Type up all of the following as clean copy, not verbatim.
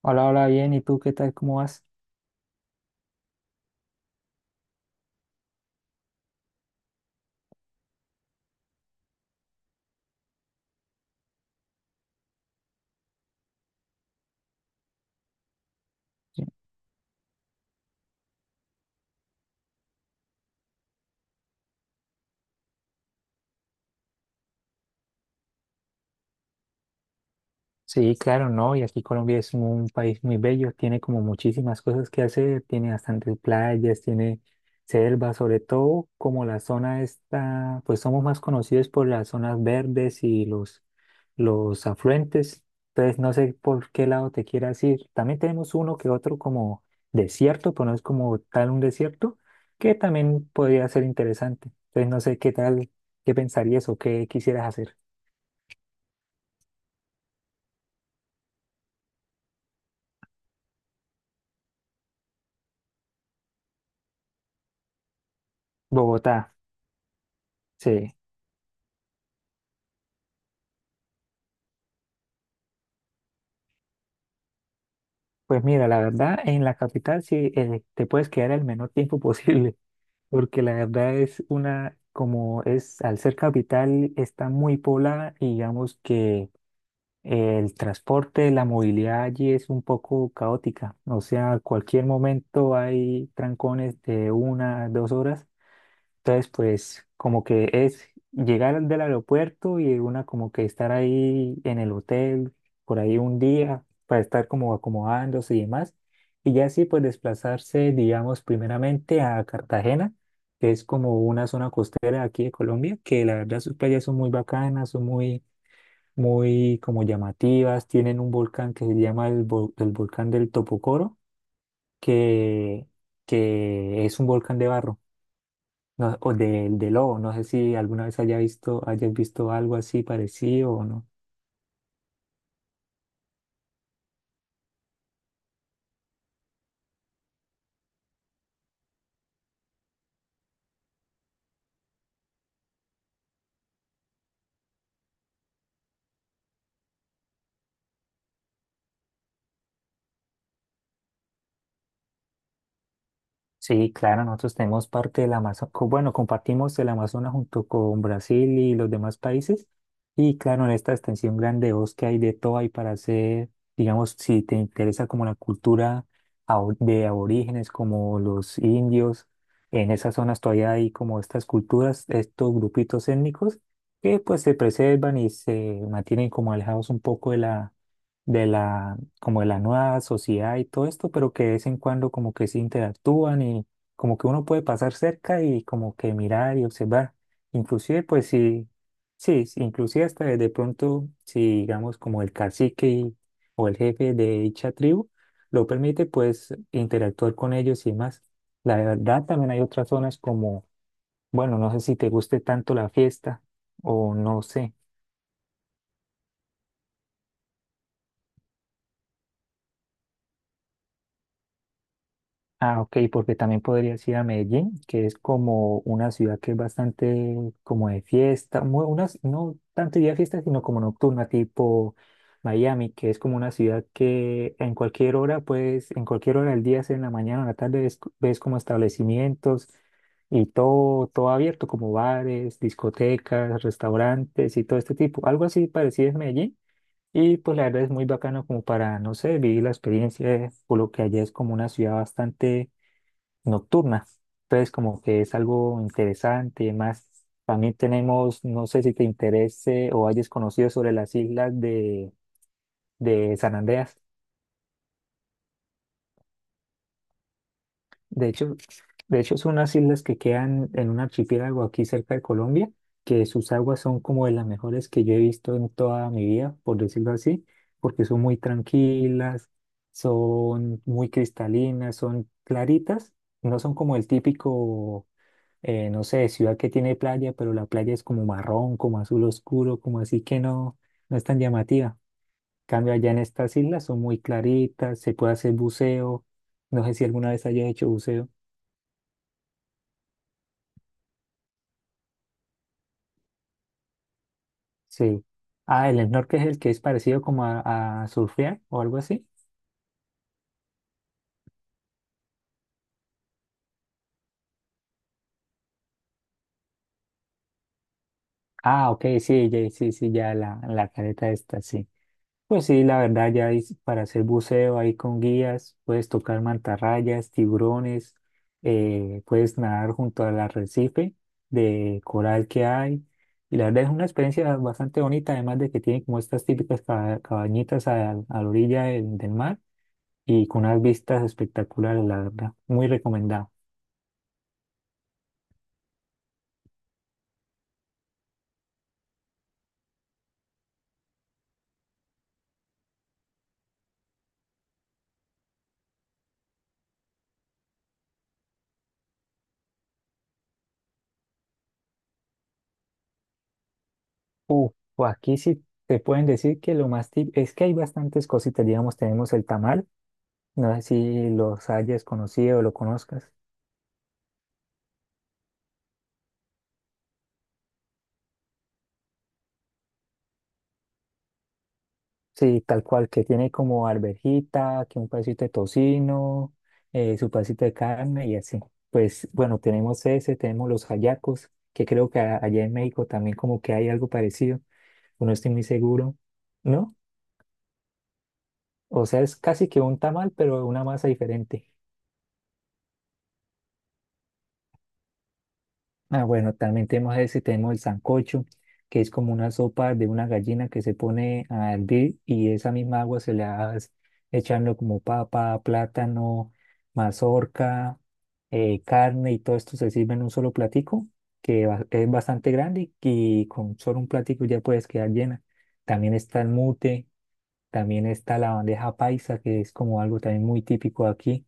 Hola, hola, bien. ¿Y tú qué tal? ¿Cómo vas? Sí, sí, claro, ¿no? Y aquí Colombia es un país muy bello, tiene como muchísimas cosas que hacer, tiene bastantes playas, tiene selva, sobre todo como la zona esta, pues somos más conocidos por las zonas verdes y los afluentes. Entonces, no sé por qué lado te quieras ir. También tenemos uno que otro como desierto, pero no es como tal un desierto, que también podría ser interesante. Entonces, no sé qué tal, qué pensarías o qué quisieras hacer. Bogotá, sí. Pues mira, la verdad, en la capital sí te puedes quedar el menor tiempo posible, porque la verdad es una, como es, al ser capital, está muy poblada y digamos que el transporte, la movilidad allí es un poco caótica. O sea, cualquier momento hay trancones de 1, 2 horas. Entonces, pues como que es llegar del aeropuerto y una como que estar ahí en el hotel por ahí un día para estar como acomodándose y demás. Y ya así pues desplazarse, digamos, primeramente a Cartagena, que es como una zona costera aquí de Colombia, que la verdad sus playas son muy bacanas, son muy, muy como llamativas, tienen un volcán que se llama el volcán del Topocoro, que, que es un volcán de barro, o de lobo. No sé si alguna vez haya visto, hayas visto algo así parecido o no. Sí, claro, nosotros tenemos parte del Amazonas, bueno, compartimos el Amazonas junto con Brasil y los demás países. Y claro, en esta extensión grande de bosque hay de todo, hay para hacer, digamos, si te interesa como la cultura de aborígenes, como los indios, en esas zonas todavía hay como estas culturas, estos grupitos étnicos que pues se preservan y se mantienen como alejados un poco de la nueva sociedad y todo esto, pero que de vez en cuando como que se interactúan y como que uno puede pasar cerca y como que mirar y observar. Inclusive, pues sí, sí, sí, inclusive hasta de pronto, si digamos como el cacique o el jefe de dicha tribu lo permite, pues interactuar con ellos y más. La verdad, también hay otras zonas como, bueno, no sé si te guste tanto la fiesta o no sé. Ah, ok, porque también podrías ir a Medellín, que es como una ciudad que es bastante como de fiesta, muy, unas, no tanto día de fiesta, sino como nocturna, tipo Miami, que es como una ciudad que en cualquier hora, pues en cualquier hora del día, sea en la mañana o en la tarde, ves, ves como establecimientos y todo, todo abierto, como bares, discotecas, restaurantes y todo este tipo. Algo así parecido es Medellín. Y pues la verdad es muy bacano como para, no sé, vivir la experiencia, por lo que allá es como una ciudad bastante nocturna. Entonces, como que es algo interesante y demás. También tenemos, no sé si te interese o hayas conocido sobre las islas de San Andreas. De hecho, de hecho, son unas islas que quedan en un archipiélago aquí cerca de Colombia, que sus aguas son como de las mejores que yo he visto en toda mi vida, por decirlo así, porque son muy tranquilas, son muy cristalinas, son claritas, no son como el típico no sé, ciudad que tiene playa, pero la playa es como marrón, como azul oscuro, como así que no, no es tan llamativa. Cambio, allá en estas islas son muy claritas, se puede hacer buceo. No sé si alguna vez haya hecho buceo. Sí. Ah, el snorkel es el que es parecido como a surfear o algo así. Ah, ok, sí, sí, sí, ya la careta esta, sí. Pues sí, la verdad, para hacer buceo ahí con guías, puedes tocar mantarrayas, tiburones, puedes nadar junto al arrecife de coral que hay. Y la verdad es una experiencia bastante bonita, además de que tiene como estas típicas cabañitas a la orilla del mar y con unas vistas espectaculares, la verdad, muy recomendado. Uh, o aquí sí te pueden decir que lo más tip es que hay bastantes cositas, digamos, tenemos el tamal, no sé si los hayas conocido o lo conozcas. Sí, tal cual, que tiene como arvejita, que un pedacito de tocino, su pedacito de carne y así. Pues bueno, tenemos ese, tenemos los hallacos, que creo que allá en México también como que hay algo parecido, no estoy muy seguro, ¿no? O sea, es casi que un tamal, pero una masa diferente. Ah, bueno, también tenemos ese, tenemos el sancocho, que es como una sopa de una gallina que se pone a hervir y esa misma agua se le va echando como papa, plátano, mazorca, carne y todo esto se sirve en un solo platico, que es bastante grande y con solo un platico ya puedes quedar llena. También está el mute, también está la bandeja paisa, que es como algo también muy típico aquí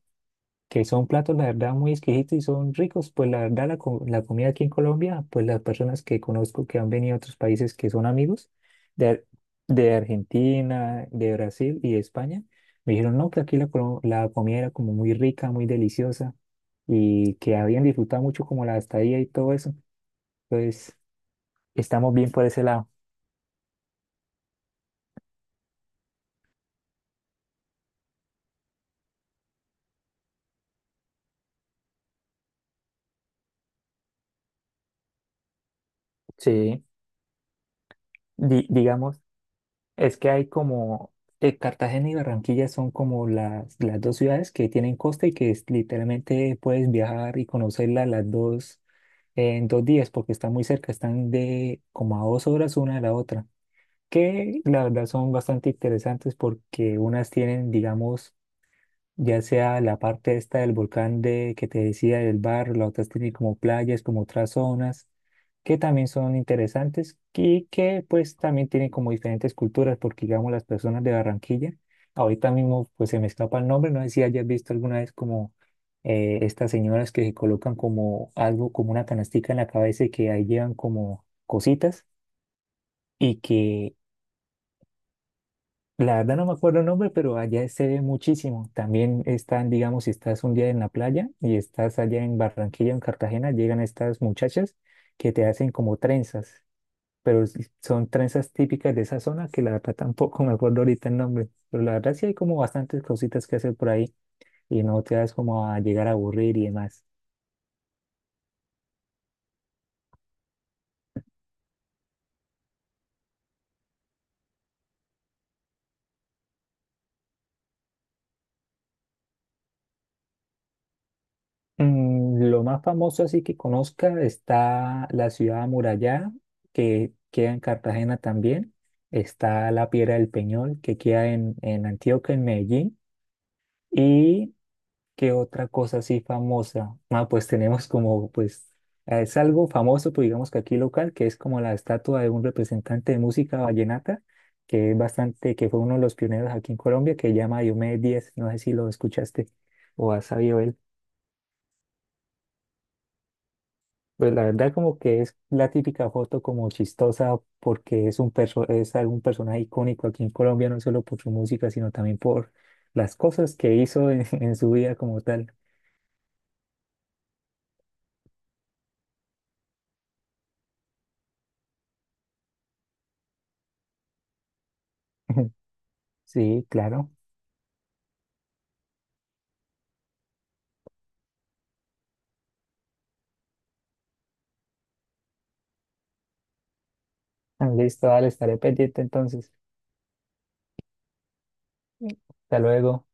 que son platos, la verdad, muy exquisitos y son ricos. Pues la verdad, la, la comida aquí en Colombia, pues las personas que conozco que han venido a otros países que son amigos de, de Argentina, de Brasil y de España, me dijeron, no, que aquí la, la comida era como muy rica, muy deliciosa y que habían disfrutado mucho como la estadía y todo eso. Entonces, estamos bien por ese lado. Sí, digamos. Es que hay como, Cartagena y Barranquilla son como las dos ciudades que tienen costa y que literalmente puedes viajar y conocerlas las dos en 2 días porque están muy cerca, están de como a 2 horas una de la otra, que la verdad son bastante interesantes porque unas tienen, digamos, ya sea la parte esta del volcán de, que te decía del barro, la otra tiene como playas, como otras zonas, que también son interesantes y que pues también tienen como diferentes culturas, porque digamos las personas de Barranquilla, ahorita mismo pues se me escapa el nombre, no sé si hayas visto alguna vez como estas señoras que se colocan como algo, como una canastica en la cabeza y que ahí llevan como cositas y que la verdad no me acuerdo el nombre, pero allá se ve muchísimo. También están, digamos, si estás un día en la playa y estás allá en Barranquilla o en Cartagena, llegan estas muchachas que te hacen como trenzas, pero son trenzas típicas de esa zona que la verdad tampoco me acuerdo ahorita el nombre. Pero la verdad sí hay como bastantes cositas que hacer por ahí y no te das como a llegar a aburrir y demás. Lo más famoso así que conozca está la ciudad amurallada, que queda en Cartagena también. Está la Piedra del Peñol, que queda en Antioquia, en Medellín. ¿Y qué otra cosa así famosa? Ah, pues tenemos como, pues, es algo famoso, pues digamos que aquí local, que es como la estatua de un representante de música vallenata, que es bastante, que fue uno de los pioneros aquí en Colombia, que se llama Diomedes Díaz. No sé si lo escuchaste o has sabido de él. Pues la verdad como que es la típica foto como chistosa porque es algún personaje icónico aquí en Colombia, no solo por su música, sino también por las cosas que hizo en, en su vida como tal. Sí, claro. Ah, listo, dale, estaré pendiente entonces. Hasta luego.